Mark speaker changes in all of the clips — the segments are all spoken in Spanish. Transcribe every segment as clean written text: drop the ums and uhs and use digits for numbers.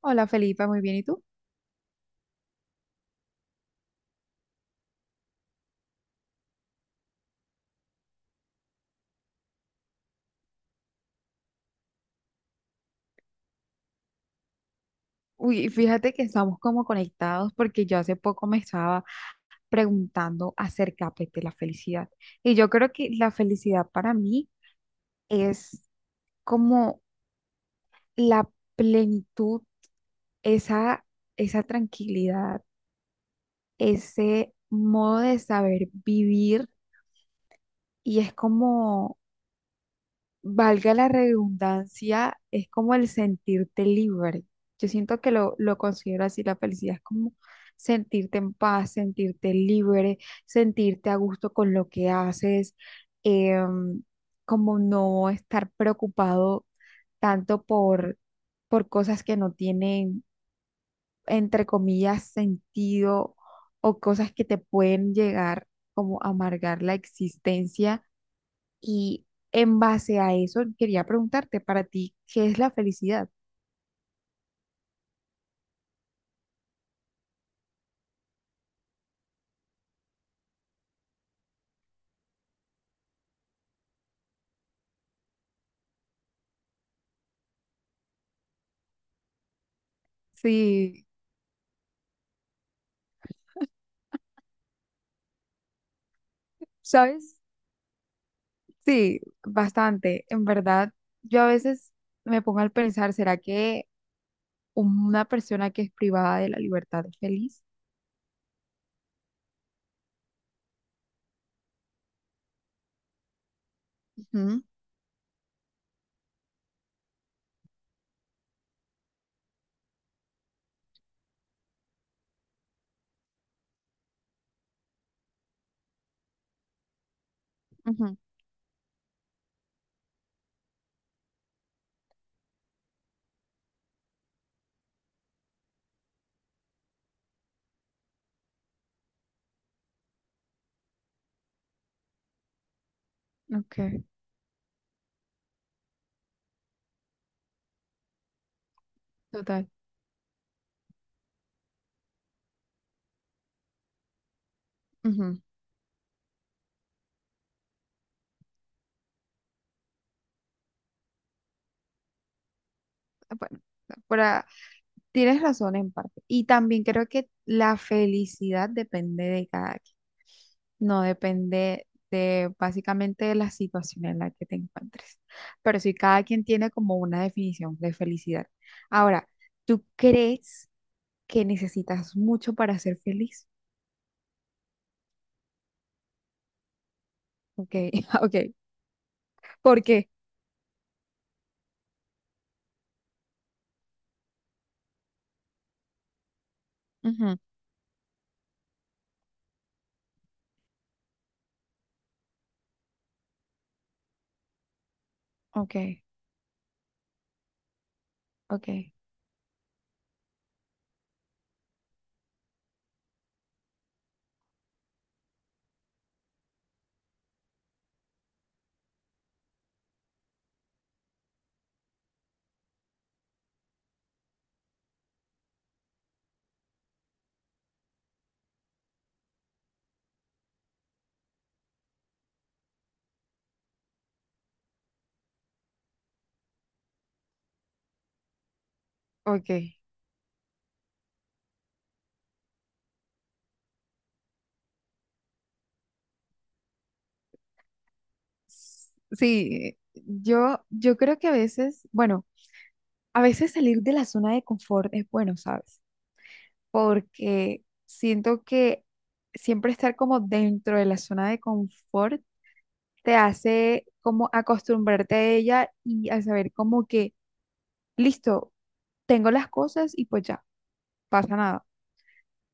Speaker 1: Hola Felipa, muy bien. ¿Y tú? Uy, fíjate que estamos como conectados porque yo hace poco me estaba preguntando acerca pues, de la felicidad. Y yo creo que la felicidad para mí es como la plenitud, esa, esa tranquilidad, ese modo de saber vivir y es como valga la redundancia, es como el sentirte libre. Yo siento que lo considero así, la felicidad es como sentirte en paz, sentirte libre, sentirte a gusto con lo que haces, em, como no estar preocupado tanto por, por cosas que no tienen, entre comillas, sentido o cosas que te pueden llegar como a amargar la existencia y en base a eso, quería preguntarte para ti, ¿qué es la felicidad? Sí, ¿sabes? Sí, bastante. En verdad, yo a veces me pongo al pensar, ¿será que una persona que es privada de la libertad es feliz? Ujú, ujú. Ok, total. Bueno, para, tienes razón en parte. Y también creo que la felicidad depende de cada quien. No depende de básicamente de la situación en la que te encuentres. Pero sí, cada quien tiene como una definición de felicidad. Ahora, ¿tú crees que necesitas mucho para ser feliz? Ok, ok. ¿Por qué? Ujú. Ok, ok, ok. Sí, yo creo que a veces, bueno. A veces salir de la zona de confort es bueno, ¿sabes? Porque siento que siempre estar como dentro de la zona de confort te hace como acostumbrarte a ella y a saber como que, listo, tengo las cosas y pues ya, pasa nada.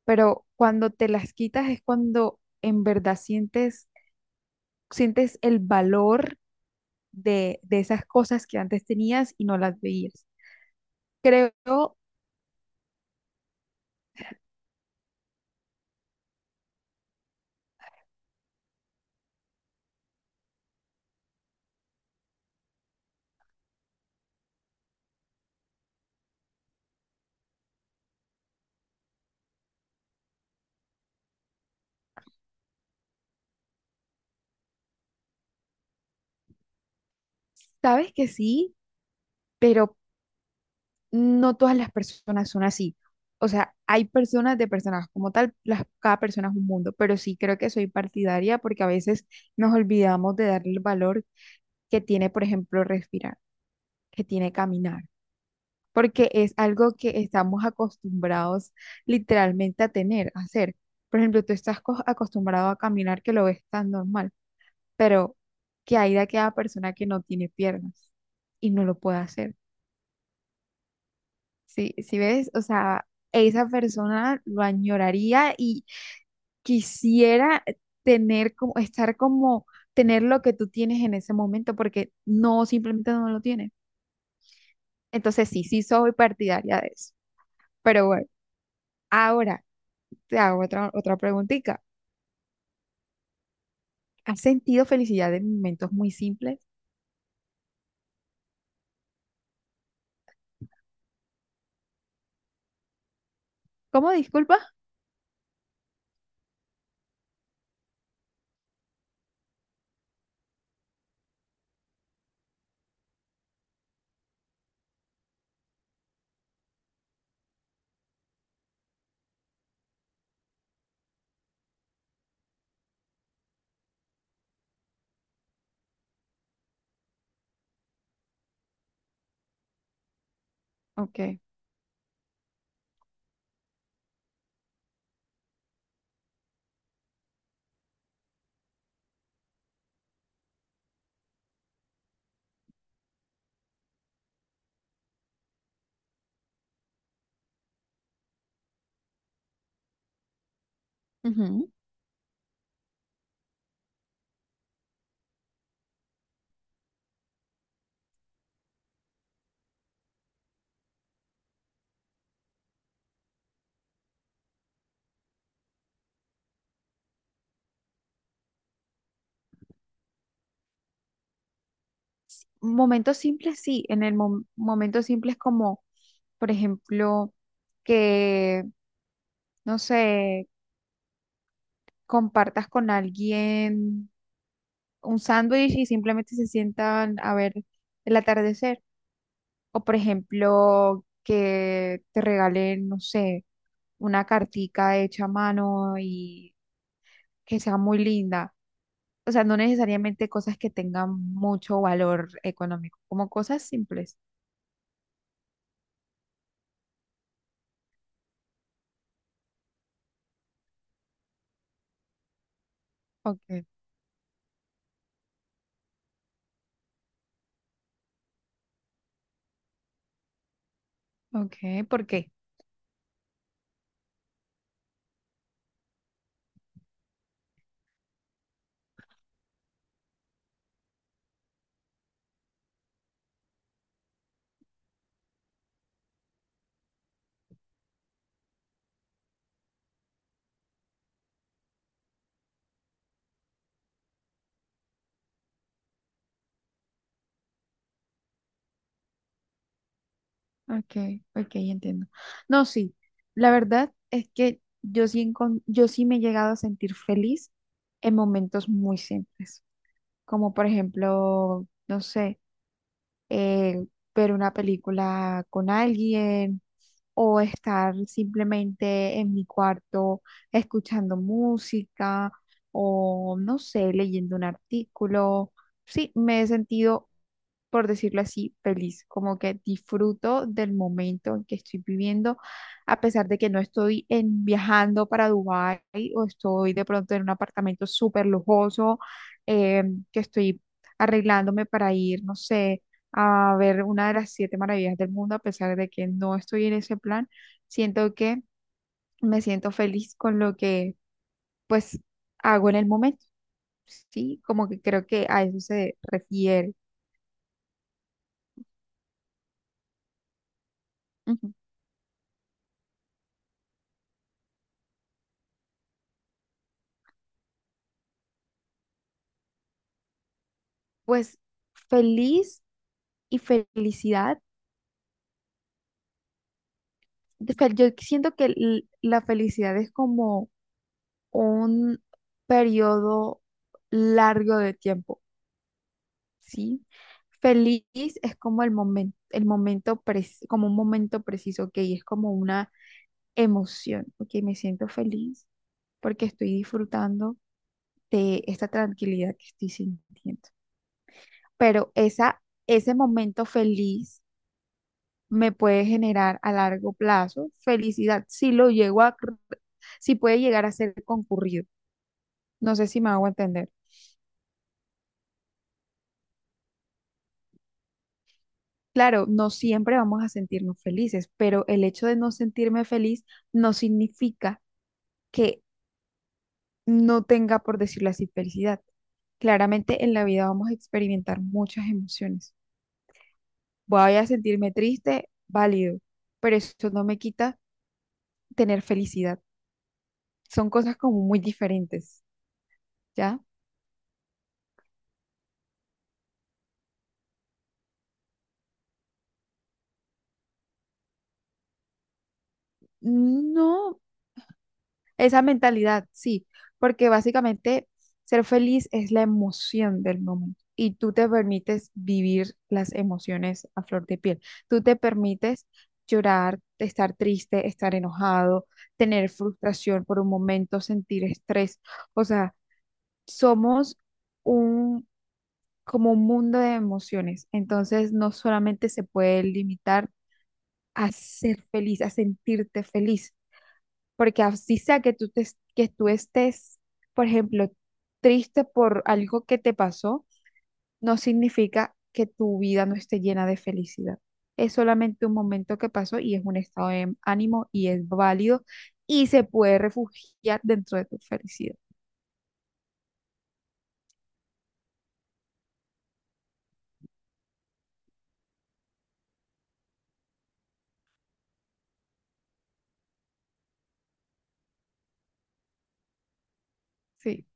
Speaker 1: Pero cuando te las quitas es cuando en verdad sientes el valor de esas cosas que antes tenías y no las veías. Creo, sabes que sí, pero no todas las personas son así. O sea, hay personas de personas como tal, las, cada persona es un mundo, pero sí creo que soy partidaria porque a veces nos olvidamos de darle el valor que tiene, por ejemplo, respirar, que tiene caminar, porque es algo que estamos acostumbrados literalmente a tener, a hacer. Por ejemplo, tú estás acostumbrado a caminar que lo ves tan normal, pero que hay de aquella persona que no tiene piernas y no lo puede hacer. Sí, si ves, o sea, esa persona lo añoraría y quisiera tener como, estar como, tener lo que tú tienes en ese momento, porque no, simplemente no lo tienes. Entonces, sí, sí soy partidaria de eso. Pero bueno, ahora te hago otra preguntita. ¿Has sentido felicidad en momentos muy simples? ¿Cómo? Disculpa. Ok. Ujú. Momentos simples, sí, en el momentos simples como, por ejemplo, que, no sé, compartas con alguien un sándwich y simplemente se sientan a ver el atardecer. O por ejemplo, que te regalen, no sé, una cartica hecha a mano y que sea muy linda. O sea, no necesariamente cosas que tengan mucho valor económico, como cosas simples. Ok, ok, ¿por qué? Okay, okay, entiendo. No, sí, la verdad es que yo sí, yo sí me he llegado a sentir feliz en momentos muy simples, como por ejemplo, no sé, eh, ver una película con alguien o estar simplemente en mi cuarto escuchando música o, no sé, leyendo un artículo. Sí, me he sentido por decirlo así, feliz, como que disfruto del momento en que estoy viviendo, a pesar de que no estoy viajando para Dubái o estoy de pronto en un apartamento súper lujoso, eh, que estoy arreglándome para ir, no sé, a ver una de las siete maravillas del mundo, a pesar de que no estoy en ese plan, siento que me siento feliz con lo que pues hago en el momento, ¿sí? Como que creo que a eso se refiere. Ujú. Pues feliz y felicidad. Yo siento que la felicidad es como un periodo largo de tiempo, ¿sí? Feliz es como el momento, el como un momento preciso, ok, es como una emoción, ok, me siento feliz porque estoy disfrutando de esta tranquilidad que estoy sintiendo. Pero ese momento feliz me puede generar a largo plazo felicidad si si puede llegar a ser concurrido. No sé si me hago entender. Claro, no siempre vamos a sentirnos felices, pero el hecho de no sentirme feliz no significa que no tenga, por decirlo así, felicidad. Claramente en la vida vamos a experimentar muchas emociones. Voy a sentirme triste, válido, pero eso no me quita tener felicidad. Son cosas como muy diferentes, ¿ya? No, esa mentalidad, sí, porque básicamente ser feliz es la emoción del momento y tú te permites vivir las emociones a flor de piel. Tú te permites llorar, estar triste, estar enojado, tener frustración por un momento, sentir estrés. O sea, somos un como un mundo de emociones. Entonces, no solamente se puede limitar a ser feliz, a sentirte feliz porque así sea que que tú estés, por ejemplo, triste por algo que te pasó, no significa que tu vida no esté llena de felicidad. Es solamente un momento que pasó y es un estado de ánimo y es válido y se puede refugiar dentro de tu felicidad. Sí,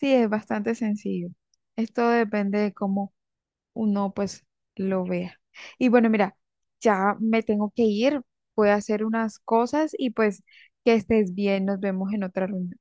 Speaker 1: sí, es bastante sencillo. Esto depende de cómo uno pues lo vea. Y bueno, mira, ya me tengo que ir, voy a hacer unas cosas y pues que estés bien, nos vemos en otra reunión.